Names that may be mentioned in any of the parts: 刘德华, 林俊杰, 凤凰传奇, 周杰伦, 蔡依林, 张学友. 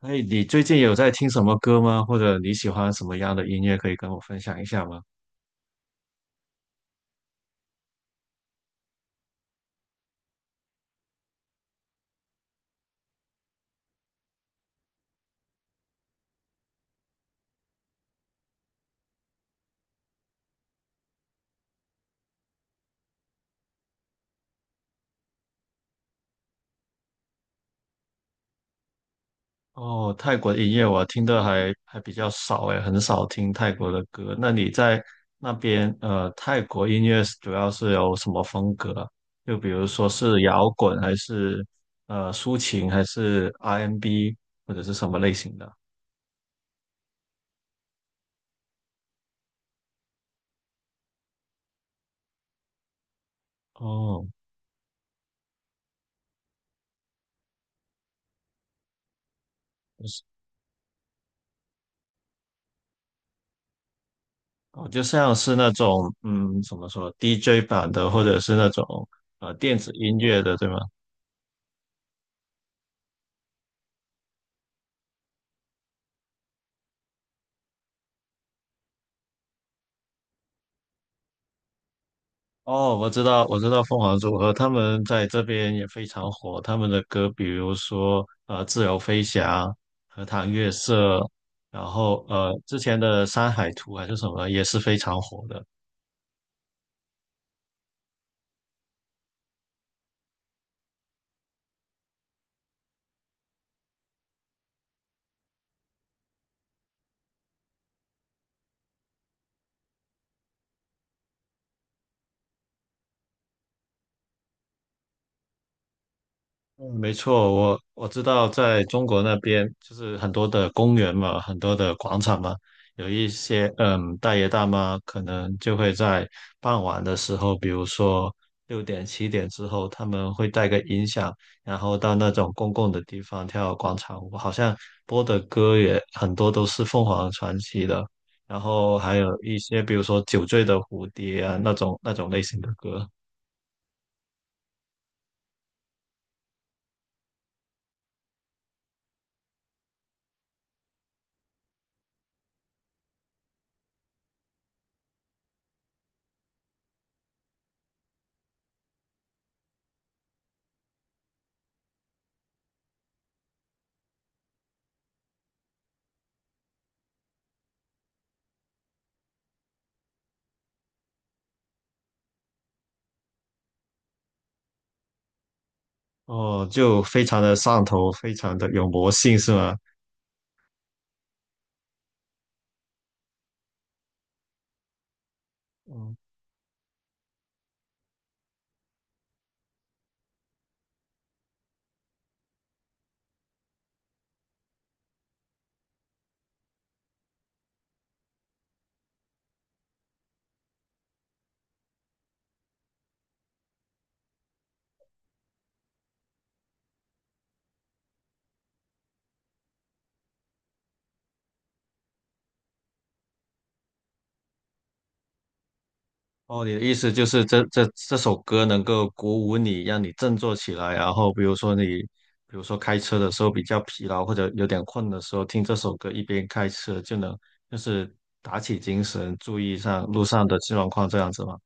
哎，你最近有在听什么歌吗？或者你喜欢什么样的音乐，可以跟我分享一下吗？哦，泰国的音乐我听的还比较少，哎，很少听泰国的歌。那你在那边，泰国音乐主要是有什么风格啊，就比如说是摇滚，还是抒情，还是 R&B，或者是什么类型的？哦，就是哦，就像是那种怎么说 DJ 版的，或者是那种电子音乐的，对吗？哦，我知道，我知道凤凰组合，他们在这边也非常火。他们的歌，比如说《自由飞翔》《荷塘月色》，然后之前的《山海图》还是什么，也是非常火的。嗯，没错，我知道，在中国那边就是很多的公园嘛，很多的广场嘛，有一些大爷大妈可能就会在傍晚的时候，比如说6点7点之后，他们会带个音响，然后到那种公共的地方跳广场舞，好像播的歌也很多都是凤凰传奇的，然后还有一些比如说酒醉的蝴蝶啊那种类型的歌。哦，就非常的上头，非常的有魔性，是吗？嗯，哦，你的意思就是这首歌能够鼓舞你，让你振作起来，然后比如说开车的时候比较疲劳或者有点困的时候，听这首歌一边开车就能就是打起精神，注意上路上的状况这样子吗？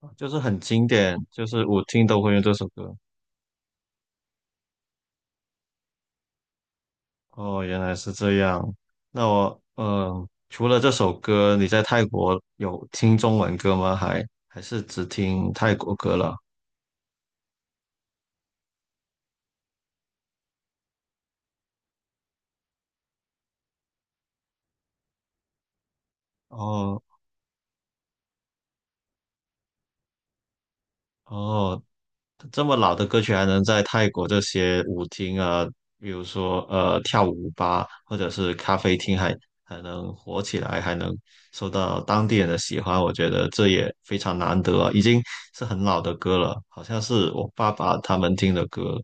啊就是很经典，就是我听都会用这首歌。哦，原来是这样。那我，除了这首歌，你在泰国有听中文歌吗？还是只听泰国歌了？哦哦，这么老的歌曲还能在泰国这些舞厅啊，比如说跳舞吧，或者是咖啡厅还能火起来，还能受到当地人的喜欢，我觉得这也非常难得啊，已经是很老的歌了，好像是我爸爸他们听的歌。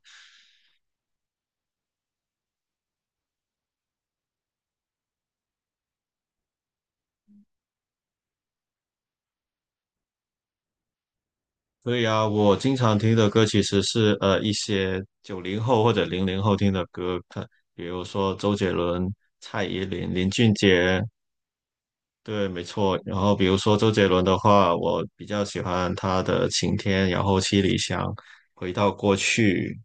所以啊，我经常听的歌其实是一些90后或者00后听的歌，比如说周杰伦、蔡依林、林俊杰，对，没错。然后比如说周杰伦的话，我比较喜欢他的《晴天》，然后《七里香》、回到过去、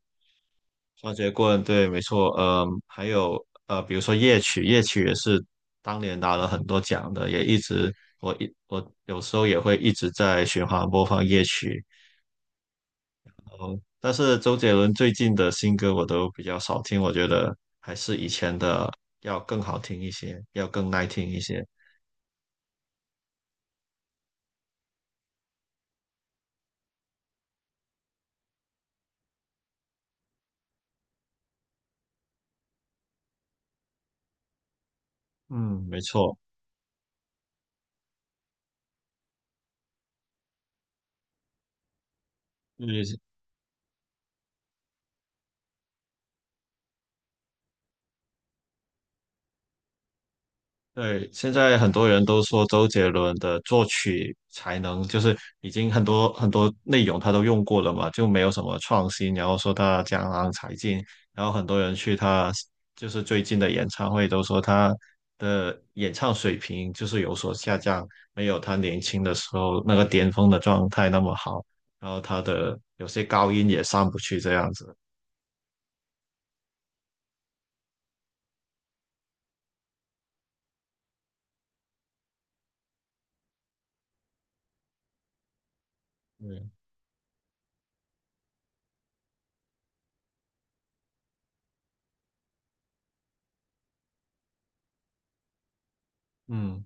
双截棍，对，没错。嗯，还有比如说夜曲，夜曲也是当年拿了很多奖的，也一直我有时候也会一直在循环播放夜曲。但是周杰伦最近的新歌我都比较少听，我觉得还是以前的要更好听一些，要更耐听一些。嗯，没错。嗯，对，现在很多人都说周杰伦的作曲才能就是已经很多很多内容他都用过了嘛，就没有什么创新。然后说他江郎才尽，然后很多人去他就是最近的演唱会都说他的演唱水平就是有所下降，没有他年轻的时候那个巅峰的状态那么好。然后他的有些高音也上不去这样子。对。嗯。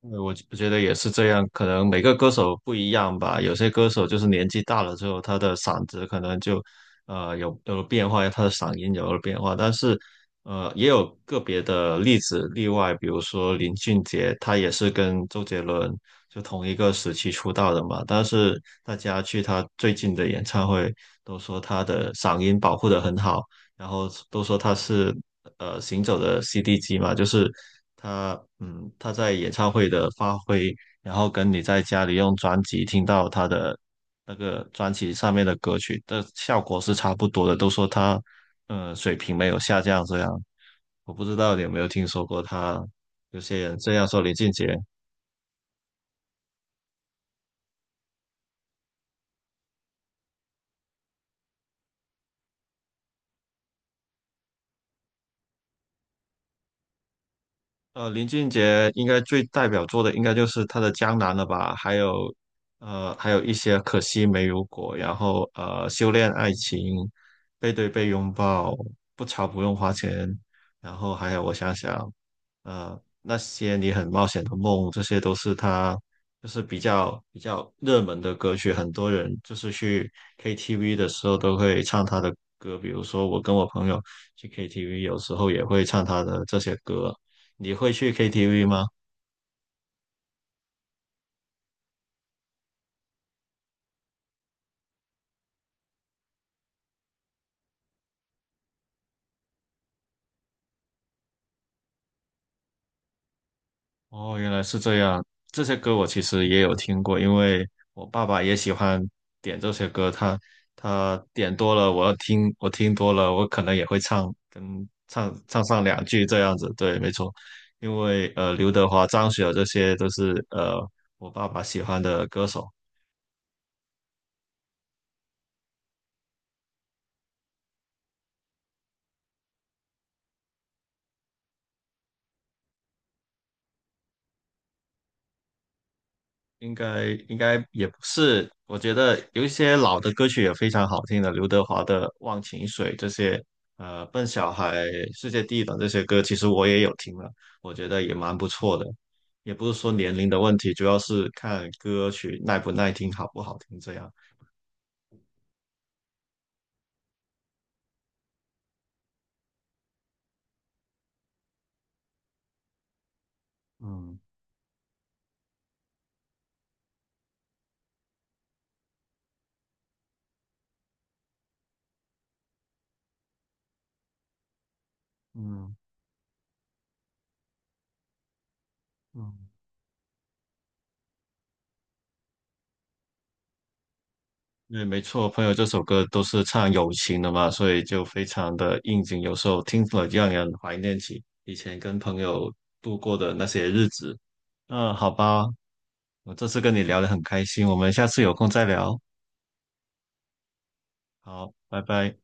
对，我觉得也是这样，可能每个歌手不一样吧。有些歌手就是年纪大了之后，他的嗓子可能就有了变化，他的嗓音有了变化。但是也有个别的例子例外，比如说林俊杰，他也是跟周杰伦就同一个时期出道的嘛。但是大家去他最近的演唱会，都说他的嗓音保护的很好，然后都说他是行走的 CD 机嘛，就是。他在演唱会的发挥，然后跟你在家里用专辑听到他的那个专辑上面的歌曲的效果是差不多的，都说他水平没有下降这样。我不知道你有没有听说过他这样说林俊杰。林俊杰应该最代表作的应该就是他的《江南》了吧，还有，还有一些《可惜没如果》，然后修炼爱情》、《背对背拥抱》、《不潮不用花钱》，然后还有我想想，呃，那些你很冒险的梦，这些都是他就是比较比较热门的歌曲，很多人就是去 KTV 的时候都会唱他的歌，比如说我跟我朋友去 KTV,有时候也会唱他的这些歌。你会去 KTV 吗？哦，原来是这样。这些歌我其实也有听过，因为我爸爸也喜欢点这些歌，他点多了，我听多了，我可能也会唱，跟唱上两句这样子。对，没错，因为刘德华、张学友这些都是我爸爸喜欢的歌手。应该也不是，我觉得有一些老的歌曲也非常好听的，刘德华的《忘情水》这些，笨小孩》《世界第一等》这些歌，其实我也有听了，我觉得也蛮不错的。也不是说年龄的问题，主要是看歌曲耐不耐听、好不好听这样。嗯嗯嗯。对，没错，朋友这首歌都是唱友情的嘛，所以就非常的应景，有时候听了让人怀念起以前跟朋友度过的那些日子。那好吧，我这次跟你聊得很开心，我们下次有空再聊。好，拜拜。